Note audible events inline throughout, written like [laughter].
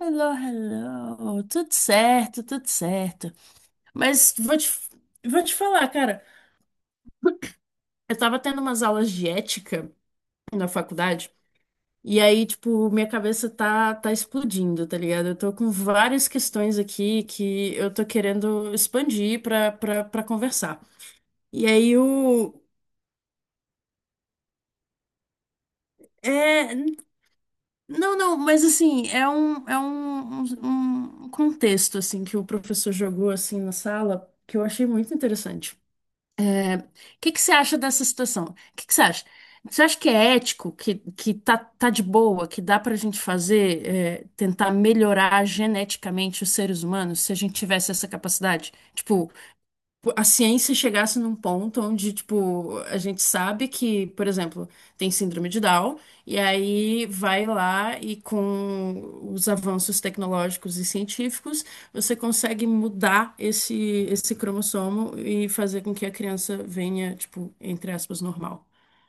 Hello, hello. Tudo certo, tudo certo. Mas vou te, vou te falar, cara. Eu tava tendo umas aulas de ética na faculdade, e aí, tipo, minha cabeça tá explodindo, tá ligado? Eu tô com várias questões aqui que eu tô querendo expandir pra conversar. E aí, o. É. Não, não, mas assim, é um contexto, assim, que o professor jogou, assim, na sala, que eu achei muito interessante. O que que você acha dessa situação? O que que você acha? Você acha que é ético, que, que tá de boa, que dá pra gente fazer, tentar melhorar geneticamente os seres humanos se a gente tivesse essa capacidade? Tipo, a ciência chegasse num ponto onde, tipo, a gente sabe que, por exemplo, tem síndrome de Down, e aí vai lá e com os avanços tecnológicos e científicos, você consegue esse cromossomo e fazer com que a criança venha, tipo, entre aspas, normal.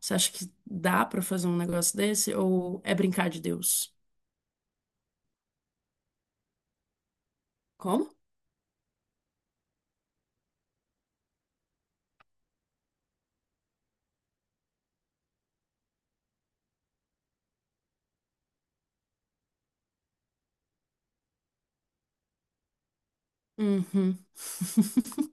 Você acha que dá pra fazer um negócio desse ou é brincar de Deus? Como? Uhum. [laughs]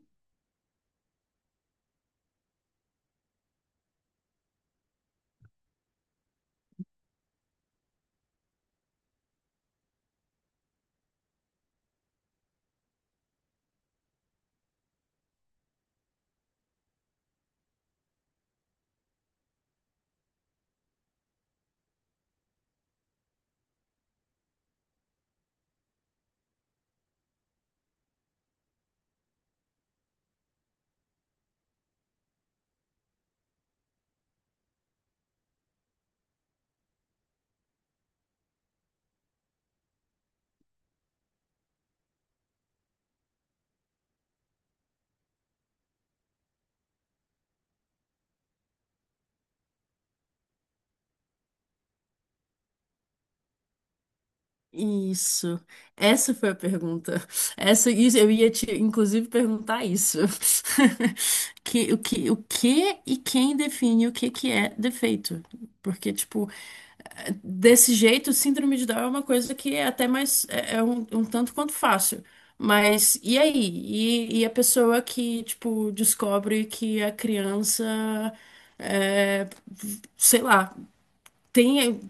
Isso. Essa foi a pergunta. Essa, isso, eu ia te, inclusive, perguntar isso. [laughs] O que e quem define o que que é defeito? Porque, tipo, desse jeito, síndrome de Down é uma coisa que é até mais, é um, um tanto quanto fácil. Mas, e aí? E a pessoa que, tipo, descobre que a criança, é, sei lá, tem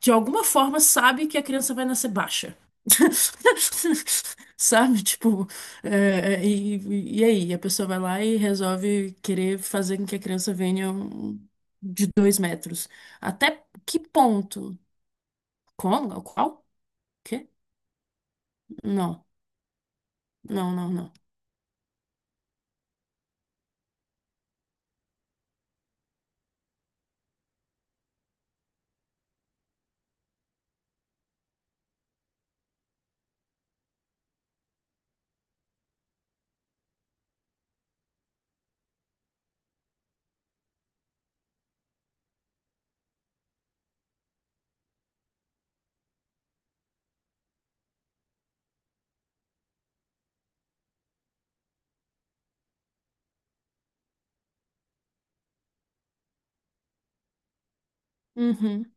de alguma forma sabe que a criança vai nascer baixa. [laughs] Sabe? Tipo, e aí? A pessoa vai lá e resolve querer fazer com que a criança venha um- de dois metros. Até que ponto? Como? Qual? Quê? Não, não, não, não. Uhum,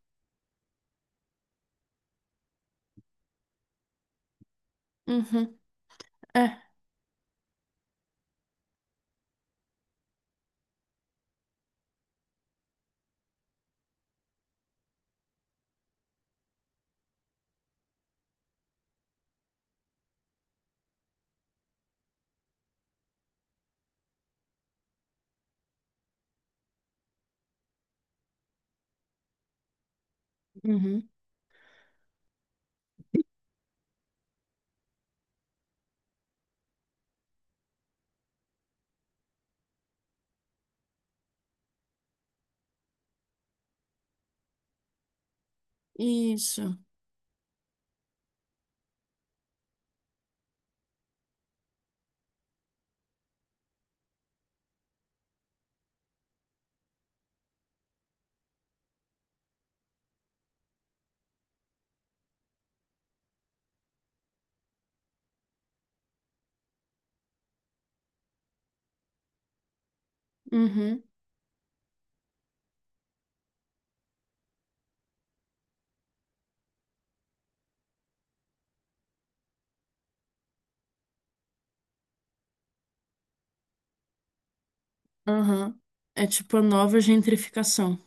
uhum, é, uhum. Isso, uhum, uhum. É tipo a nova gentrificação.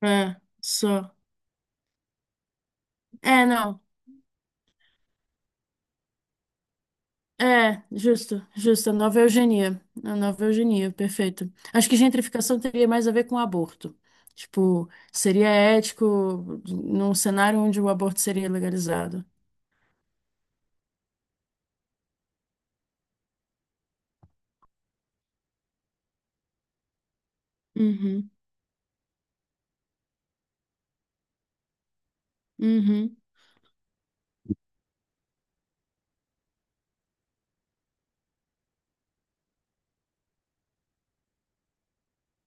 É, só. É, não. É, justo, justo. A nova eugenia. A nova eugenia, perfeito. Acho que gentrificação teria mais a ver com aborto. Tipo, seria ético num cenário onde o aborto seria legalizado. Uhum, uhum.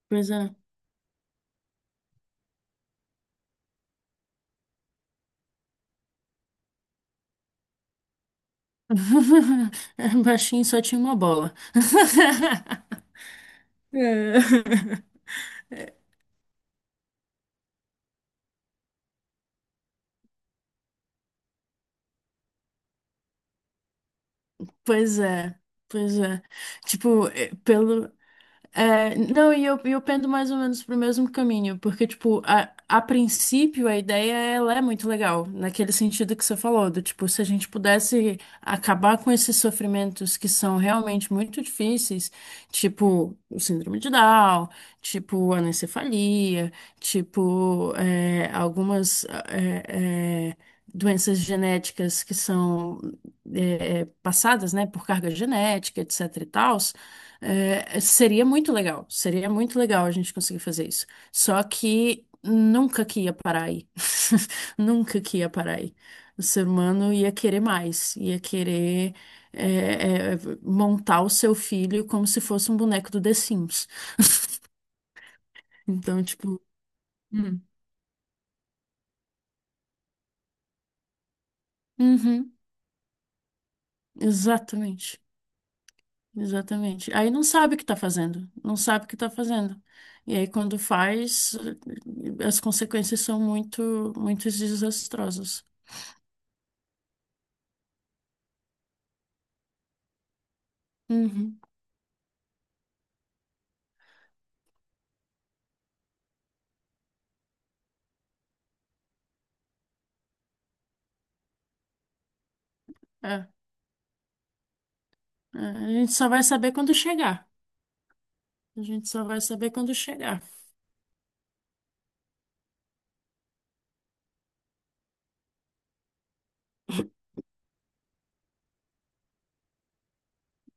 Pois é. [laughs] Baixinho só tinha uma bola. [laughs] É. Pois é, pois é. Tipo, é, pelo. É, não, e eu pendo mais ou menos pro mesmo caminho, porque, tipo, a princípio a ideia ela é muito legal, naquele sentido que você falou, do tipo, se a gente pudesse acabar com esses sofrimentos que são realmente muito difíceis, tipo o síndrome de Down, tipo anencefalia, tipo algumas é, é, doenças genéticas que são passadas, né, por carga genética, etc e tal. É, seria muito legal a gente conseguir fazer isso. Só que nunca que ia parar aí. [laughs] Nunca que ia parar aí. O ser humano ia querer mais, ia querer é, é, montar o seu filho como se fosse um boneco do The Sims. Então, tipo, Hum. Uhum, exatamente, exatamente. Aí não sabe o que tá fazendo, não sabe o que tá fazendo. E aí, quando faz, as consequências são muito, muito desastrosas. Uhum. É, a gente só vai saber quando chegar. A gente só vai saber quando chegar.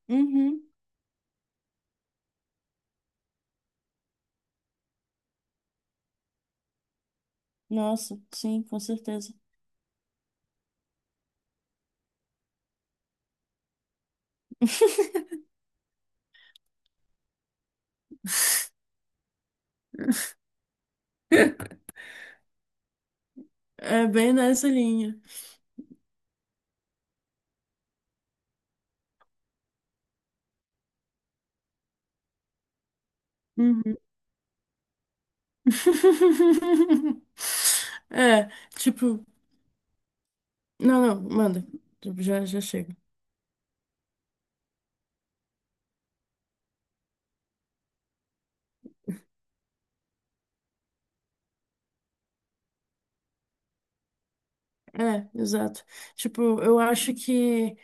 Uhum. Nossa, sim, com certeza. [laughs] É bem nessa linha. Uhum. [laughs] É, tipo, não, não, manda. Tipo, já, já chega. É, exato. Tipo, eu acho que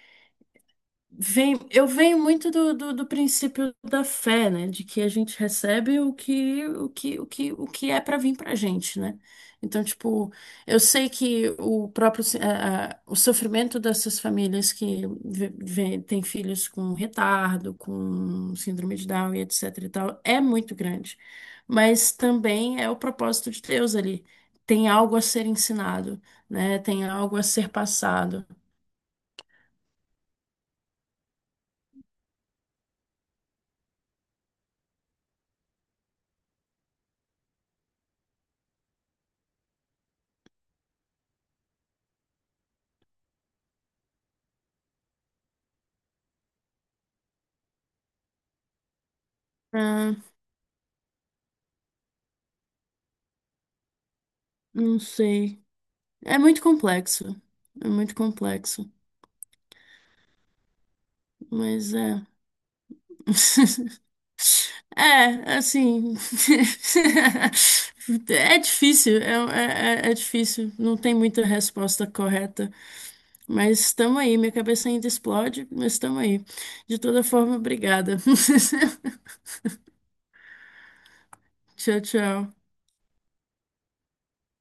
vem, eu venho muito do princípio da fé, né? De que a gente recebe o que é para vir pra gente, né? Então, tipo, eu sei que o próprio se- a- o sofrimento dessas famílias que têm filhos com retardo, com síndrome de Down e etc e tal, é muito grande. Mas também é o propósito de Deus ali. Tem algo a ser ensinado, né? Tem algo a ser passado. Ah, não sei. É muito complexo. É muito complexo. Mas é. [laughs] É, assim. [laughs] É difícil, é difícil. Não tem muita resposta correta. Mas estamos aí. Minha cabeça ainda explode, mas estamos aí. De toda forma, obrigada. [laughs] Tchau, tchau.